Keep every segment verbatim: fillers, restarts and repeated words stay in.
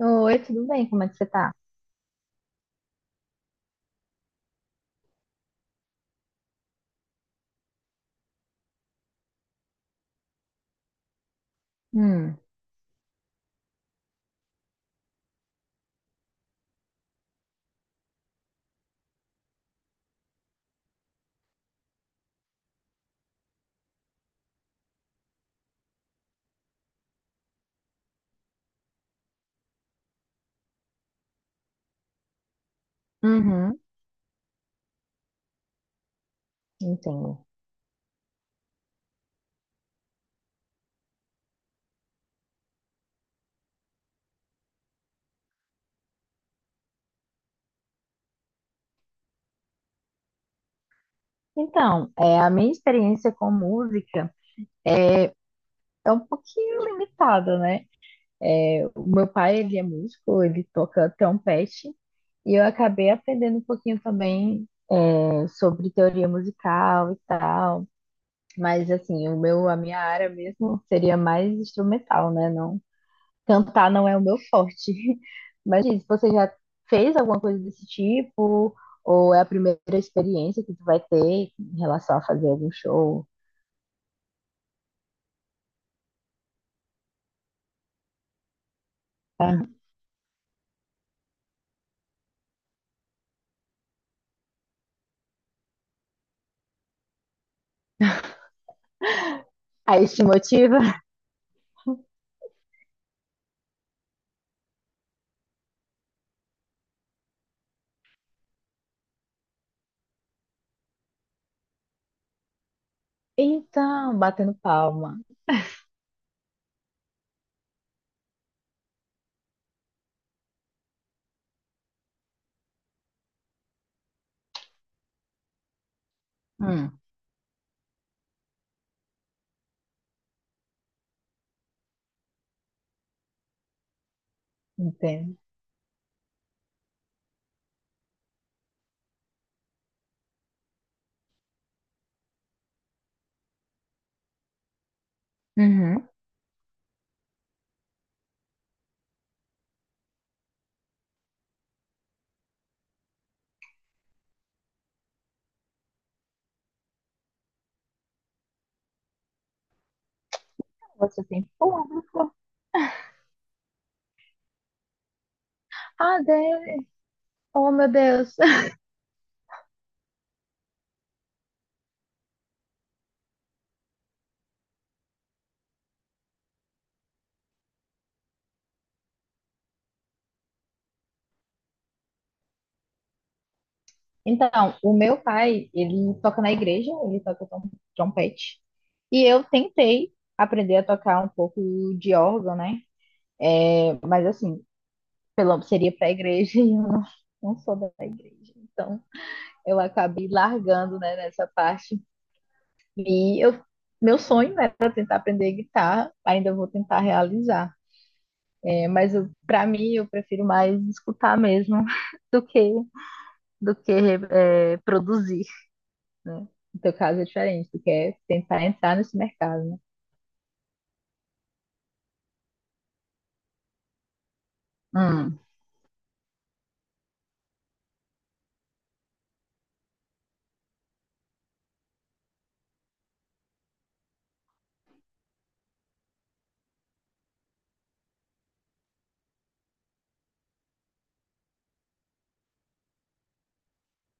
Oi, tudo bem? Como é que você tá? Hum, uhum, entendo. Então, é, a minha experiência com música é um pouquinho limitada, né? É, o meu pai, ele é músico, ele toca trompete, e eu acabei aprendendo um pouquinho também é, sobre teoria musical e tal. Mas, assim, o meu, a minha área mesmo seria mais instrumental, né? Não. Cantar não é o meu forte. Mas diz, você já fez alguma coisa desse tipo? Ou é a primeira experiência que tu vai ter em relação a fazer algum show? Tá? Aí te motiva? Então, batendo palma. Hum, entendo. Uhum. Você tem público. Ah, Deus. Oh, meu Deus. Então, o meu pai, ele toca na igreja, ele toca trom- trompete. E eu tentei aprender a tocar um pouco de órgão, né? É, mas assim, pelo menos seria para a igreja e eu não, não sou da igreja. Então, eu acabei largando, né, nessa parte. E eu, meu sonho era tentar aprender guitarra, ainda vou tentar realizar. É, mas para mim, eu prefiro mais escutar mesmo do que, do que é, produzir, né? No teu caso é diferente, tu quer tentar entrar nesse mercado, né? Hum.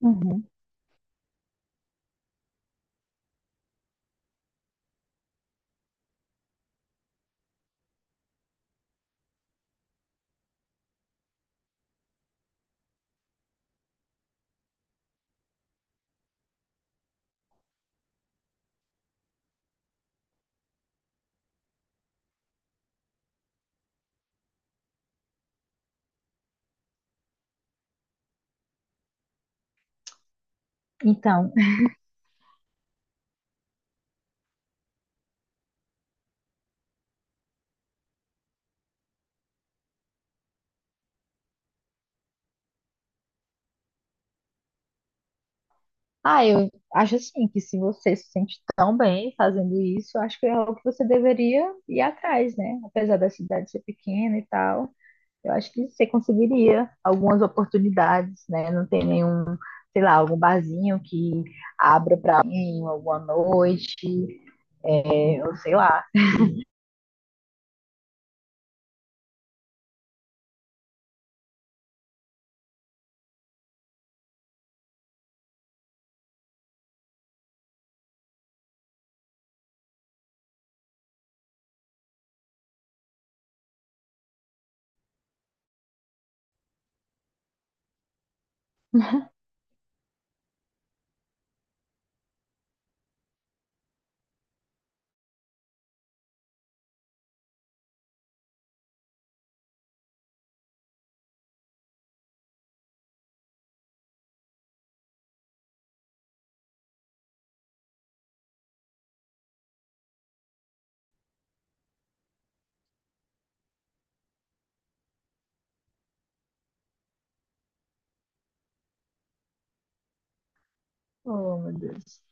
Uhum. Então, ah, eu acho assim que se você se sente tão bem fazendo isso, eu acho que é algo que você deveria ir atrás, né? Apesar da cidade ser pequena e tal, eu acho que você conseguiria algumas oportunidades, né? Não tem nenhum, sei lá, algum barzinho que abra pra alguém alguma noite, é, ou sei lá. Oh, meu Deus.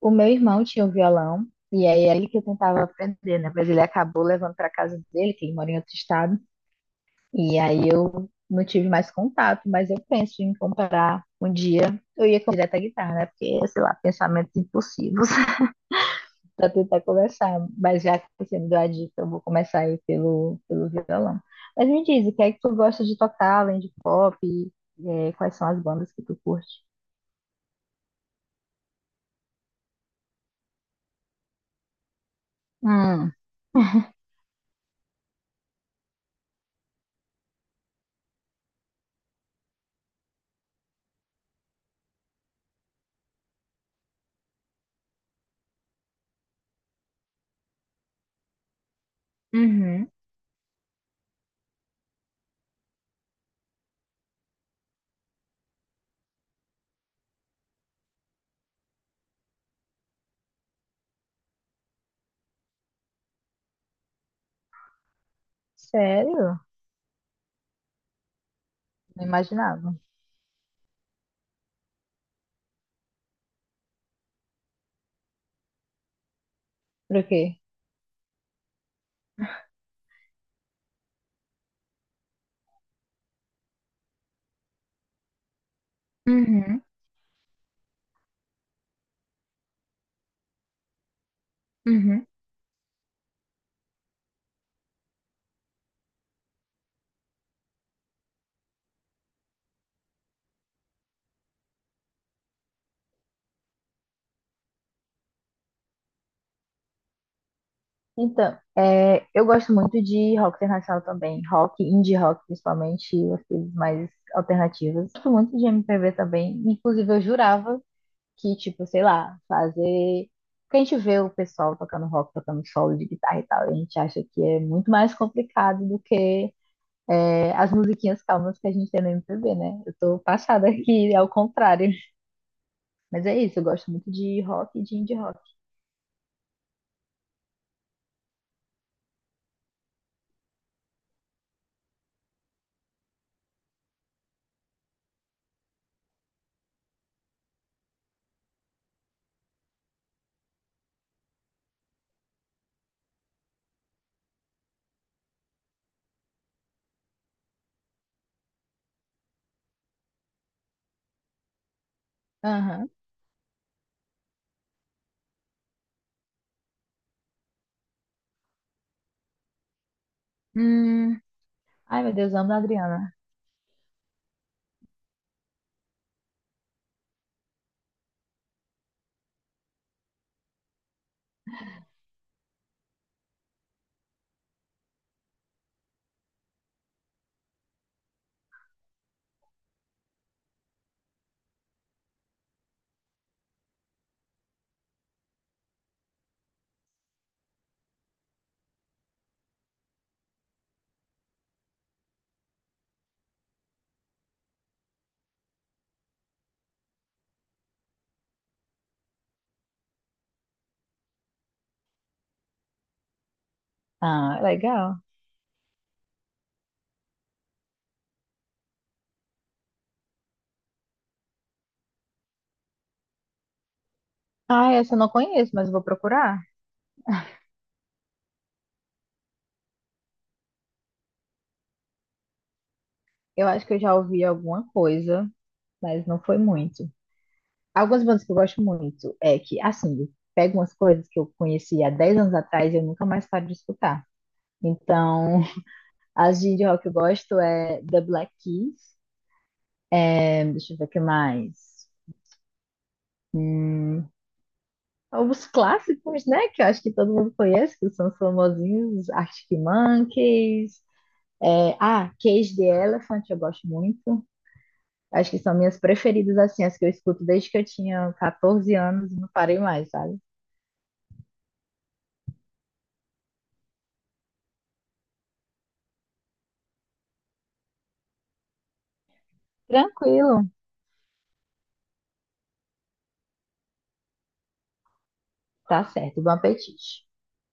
O meu irmão tinha um violão e aí é ele que eu tentava aprender, né? Mas ele acabou levando pra casa dele, que ele mora em outro estado. E aí eu não tive mais contato, mas eu penso em comprar um dia. Eu ia com direto à guitarra, né? Porque, sei lá, pensamentos impossíveis para tentar começar. Mas já que você me deu a dica, eu vou começar aí pelo, pelo violão. Mas me diz, o que é que tu gosta de tocar além de pop? E, é, quais são as bandas que tu curte? Hum, uhum. Sério? Não imaginava. Por quê? Uhum, uhum. Então, é, eu gosto muito de rock internacional também, rock, indie rock principalmente, as coisas mais alternativas. Gosto muito de M P B também, inclusive eu jurava que, tipo, sei lá, fazer. Porque a gente vê o pessoal tocando rock, tocando solo de guitarra e tal, e a gente acha que é muito mais complicado do que é, as musiquinhas calmas que a gente tem no M P B, né? Eu tô passada aqui, é o contrário. Mas é isso, eu gosto muito de rock e de indie rock. Aham. Hum, ai, meu Deus, amo a Adriana. Ah, legal. Ah, essa eu não conheço, mas vou procurar. Eu acho que eu já ouvi alguma coisa, mas não foi muito. Algumas bandas que eu gosto muito é que, assim, pego umas coisas que eu conheci há dez anos atrás e eu nunca mais paro de escutar. Então, as de rock que eu gosto é The Black Keys, é, deixa eu ver o que mais. Hum, alguns clássicos, né, que eu acho que todo mundo conhece, que são os famosinhos, Arctic Monkeys. É, ah, Cage the Elephant eu gosto muito. Acho que são minhas preferidas, assim, as que eu escuto desde que eu tinha catorze anos e não parei mais, sabe? Tranquilo, tá certo. Bom apetite.